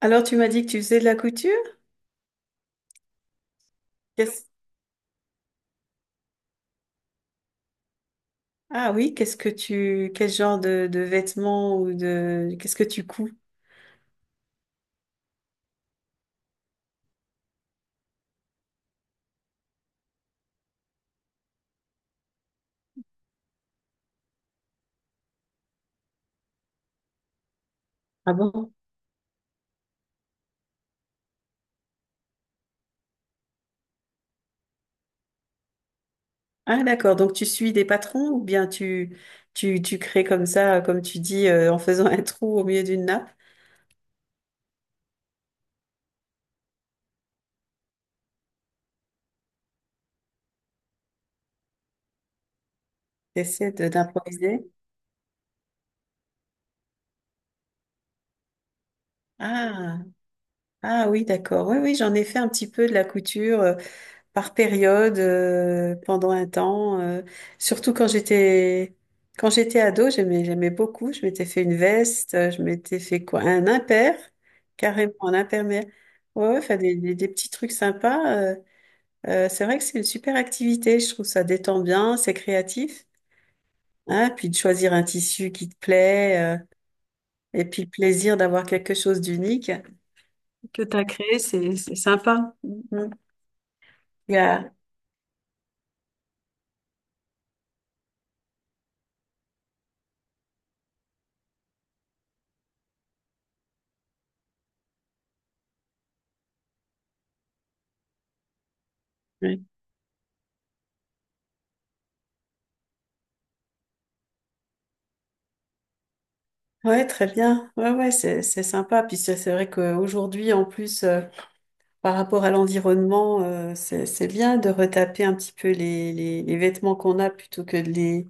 Alors, tu m'as dit que tu faisais de la couture? Qu'est-ce- Ah oui, qu'est-ce que tu, quel genre de vêtements ou de, qu'est-ce que tu couds? Ah bon? Ah d'accord, donc tu suis des patrons ou bien tu crées comme ça, comme tu dis, en faisant un trou au milieu d'une nappe, d'improviser? Ah, ah oui, d'accord. Oui, oui, j'en ai fait un petit peu de la couture. Par période, pendant un temps. Surtout quand j'étais ado, j'aimais beaucoup. Je m'étais fait une veste, je m'étais fait quoi? Un impair, carrément un impair. Mais ouais, ouais, enfin des petits trucs sympas. C'est vrai que c'est une super activité. Je trouve ça détend bien, c'est créatif. Hein, puis de choisir un tissu qui te plaît, et puis le plaisir d'avoir quelque chose d'unique que tu as créé, c'est sympa. Mhm. Il y a- Ouais, très bien. Ouais, ouais, c'est sympa. Puis c'est vrai qu'aujourd'hui, en plus, par rapport à l'environnement, euh, c'est bien de retaper un petit peu les vêtements qu'on a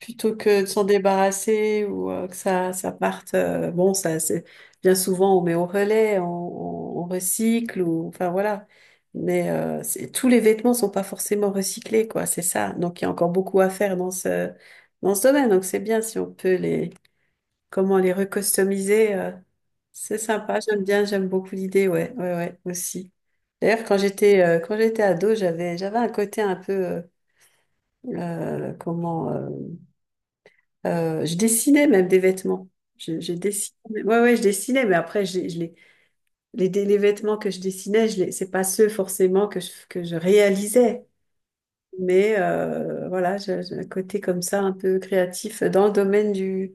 plutôt que de s'en débarrasser ou que ça parte. Bon, ça c'est bien, souvent on met au relais, on recycle ou enfin voilà. Mais c'est- tous les vêtements sont pas forcément recyclés, quoi. C'est ça. Donc il y a encore beaucoup à faire dans ce domaine. Donc c'est bien si on peut les comment les recustomiser. C'est sympa, j'aime bien, j'aime beaucoup l'idée, ouais, ouais, ouais, aussi. D'ailleurs, quand j'étais ado, j'avais un côté un peu comment je dessinais même des vêtements. Je dessinais, ouais, ouais, je dessinais, mais après, les vêtements que je dessinais, je les, c'est pas ceux forcément que que je réalisais. Mais voilà, j'ai un côté comme ça un peu créatif dans le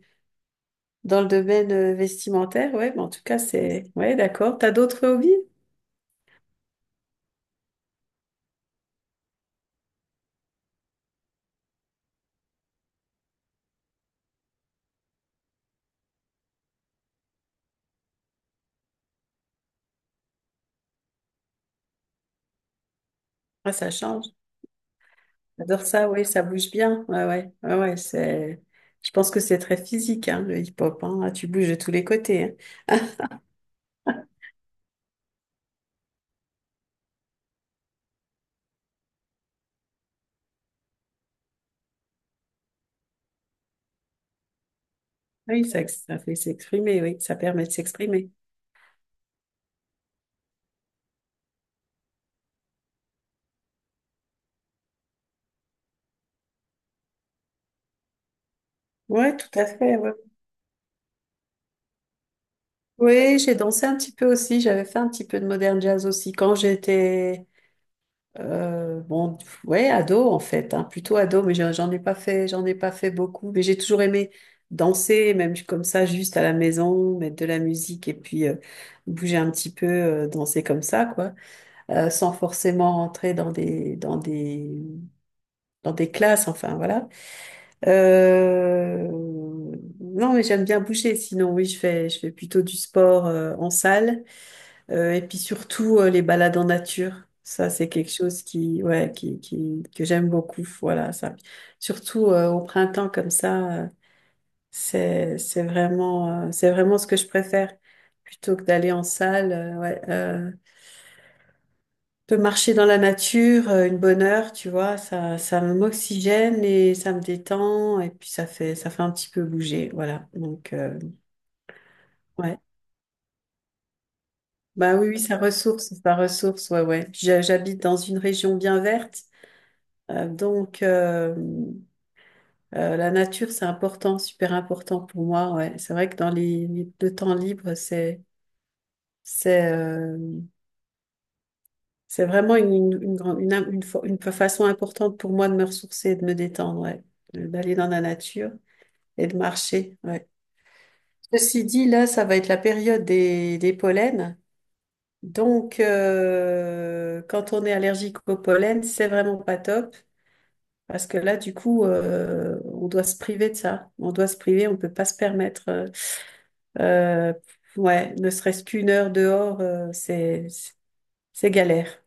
Dans le domaine vestimentaire, ouais, mais en tout cas, c'est... Ouais, d'accord. T'as d'autres hobbies? Ah, ça change. J'adore ça, oui. Ça bouge bien. Ouais, ouais, ouais, ouais, c'est... Je pense que c'est très physique, hein, le hip-hop, hein. Ah, tu bouges de tous les côtés, hein. Oui, ça fait s'exprimer, oui, ça permet de s'exprimer. Ouais, tout à fait, ouais. Oui, j'ai dansé un petit peu aussi, j'avais fait un petit peu de modern jazz aussi quand j'étais... bon, ouais, ado en fait, hein, plutôt ado, mais j'en ai pas fait, j'en ai pas fait beaucoup, mais j'ai toujours aimé danser, même comme ça, juste à la maison, mettre de la musique et puis bouger un petit peu, danser comme ça, quoi, sans forcément rentrer dans des classes, enfin voilà. Euh, non, mais j'aime bien bouger. Sinon, oui, je fais plutôt du sport en salle. Et puis surtout, les balades en nature. Ça, c'est quelque chose qui, ouais, qui, que j'aime beaucoup. Voilà, ça. Surtout, au printemps comme ça, euh, c'est vraiment, c'est vraiment ce que je préfère. Plutôt que d'aller en salle, ouais, de marcher dans la nature, une bonne heure, tu vois, ça m'oxygène et ça me détend. Et puis, ça fait un petit peu bouger. Voilà. Donc, ouais. Bah oui, oui, ça ressource, ça ressource. Ouais, ouais. J'habite dans une région bien verte. Donc, la nature, c'est important, super important pour moi. Ouais. C'est vrai que dans le temps libre, c'est, euh, c'est vraiment une, grande- une fa- une façon importante pour moi de me ressourcer et de me détendre, ouais. D'aller dans la nature et de marcher. Ouais. Ceci dit, là, ça va être la période des pollens. Donc, quand on est allergique au pollen, c'est vraiment pas top. Parce que là, du coup, on doit se priver de ça. On doit se priver, on ne peut pas se permettre. Euh, ouais, ne serait-ce qu'une heure dehors, euh, c'est, c'est galère.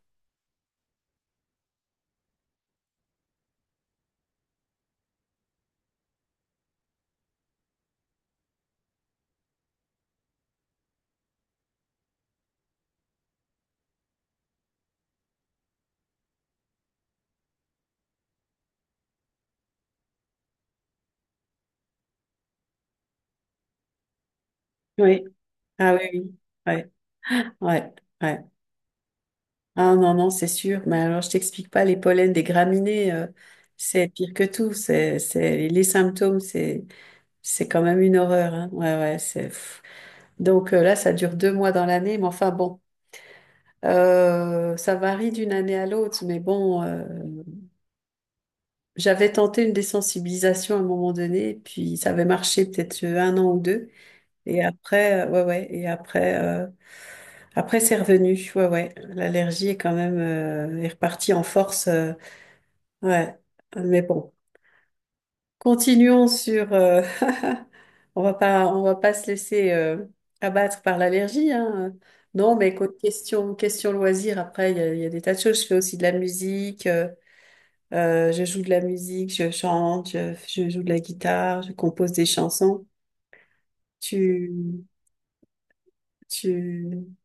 Oui. Ah oui, oui. Ouais, ouais, ouais. Ah non, non, c'est sûr. Mais alors, je t'explique pas, les pollens des graminées, c'est pire que tout. Les symptômes, c'est quand même une horreur, hein. Ouais, ouais, c'est... pff. Donc là, ça dure deux mois dans l'année, mais enfin bon. Ça varie d'une année à l'autre, mais bon. J'avais tenté une désensibilisation à un moment donné, et puis ça avait marché peut-être un an ou deux. Et après, ouais, ouais, et après, après c'est revenu. Ouais, ouais, l'allergie est quand même est repartie en force. Ouais, mais bon, continuons sur. On va pas se laisser abattre par l'allergie, hein. Non, mais écoute, question loisir. Après, il y a des tas de choses. Je fais aussi de la musique. Je joue de la musique, je chante, je joue de la guitare, je compose des chansons. Tu, tu,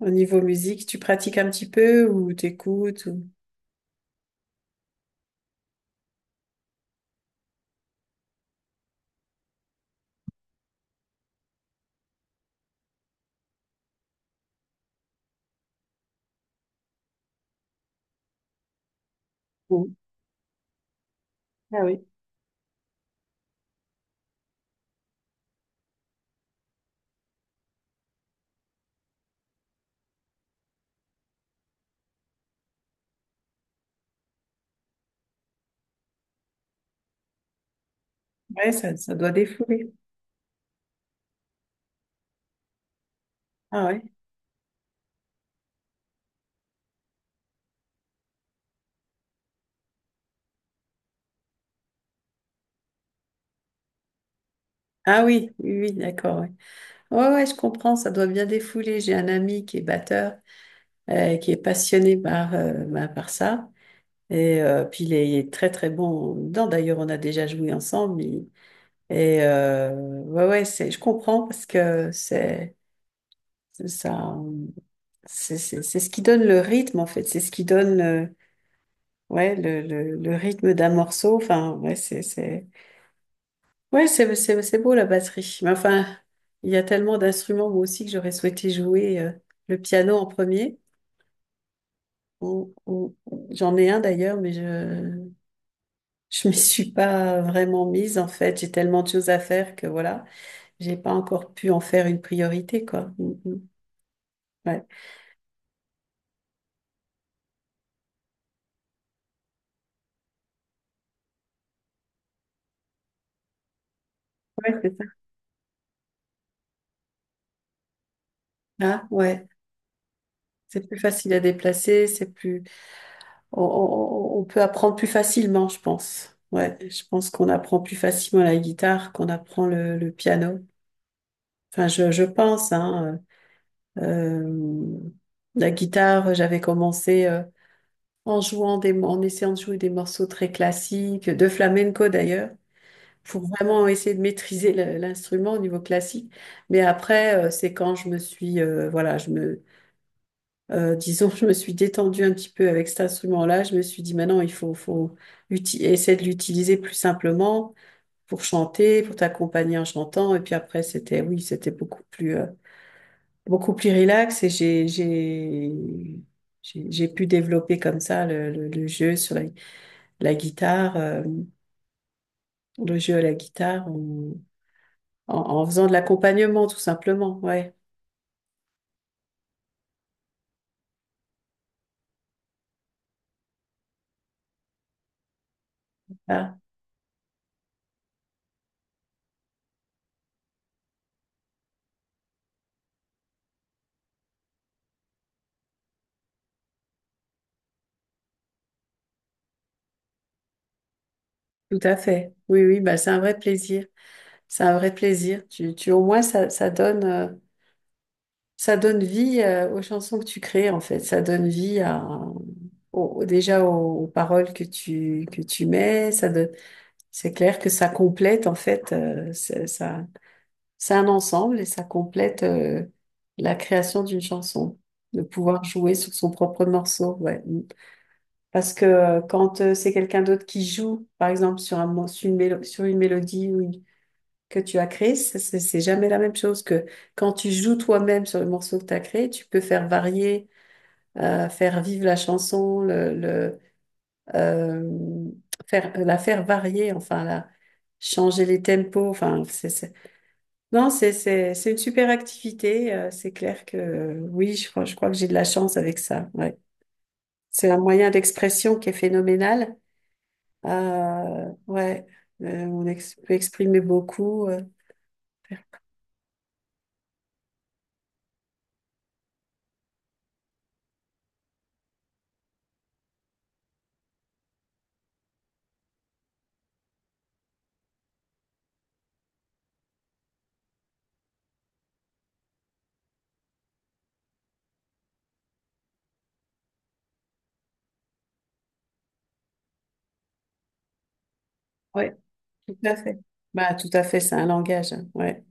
Au niveau musique, tu pratiques un petit peu ou t'écoutes ou... ou- Ah oui. Ouais, ça doit défouler. Ah ouais. Ah oui, oui, oui, d'accord. Ouais, ouais, ouais, je comprends, ça doit bien défouler. J'ai un ami qui est batteur, qui est passionné par, bah, par ça. Et puis il est très très bon dedans. D'ailleurs, on a déjà joué ensemble. Il, et ouais, ouais, c'est, je comprends parce que c'est ça, c'est ce qui donne le rythme en fait, c'est ce qui donne le rythme d'un morceau. Enfin, ouais, c'est ouais, c'est c'est beau la batterie. Mais enfin, il y a tellement d'instruments moi aussi que j'aurais souhaité jouer le piano en premier. J'en ai un d'ailleurs, mais je m'y suis pas vraiment mise en fait. J'ai tellement de choses à faire que voilà, j'ai pas encore pu en faire une priorité quoi. Mm, mm. Ouais, ouais, c'est ça. Ah, ouais, c'est plus facile à déplacer, c'est plus, on peut apprendre plus facilement, je pense. Ouais, je pense qu'on apprend plus facilement la guitare qu'on apprend le piano. Enfin, je pense, hein. euh, la guitare, j'avais commencé en jouant en essayant de jouer des morceaux très classiques, de flamenco d'ailleurs, pour vraiment essayer de maîtriser l'instrument au niveau classique. Mais après, c'est quand je me suis, voilà, je me disons, je me suis détendue un petit peu avec cet instrument-là. Je me suis dit, maintenant, faut essayer de l'utiliser plus simplement pour chanter, pour t'accompagner en chantant. Et puis après, c'était, oui, c'était beaucoup plus relax. Et j'ai pu développer comme ça le jeu sur la guitare, le jeu à la guitare en faisant de l'accompagnement, tout simplement. Ouais, ah, tout à fait. Oui, oui, bah, c'est un vrai plaisir. C'est un vrai plaisir. Au moins, ça, ça donne vie aux chansons que tu crées, en fait. Ça donne vie à, au- déjà aux paroles que que tu mets. Ça donne, c'est clair que ça complète, en fait, c'est- ça, c'est un ensemble et ça complète la création d'une chanson. De pouvoir jouer sur son propre morceau, ouais. Parce que quand c'est quelqu'un d'autre qui joue, par exemple, sur sur sur une mélodie ou une que tu as créé, c'est jamais la même chose que quand tu joues toi-même sur le morceau que tu as créé, tu peux faire varier, faire vivre la chanson, euh, faire, la faire varier, enfin, la, changer les tempos, enfin, non, c'est une super activité, c'est clair que oui, je crois que j'ai de la chance avec ça, ouais. C'est un moyen d'expression qui est phénoménal, ouais, peut exprimer beaucoup, ouais. Tout à fait. Bah, tout à fait, c'est un langage, hein. Ouais.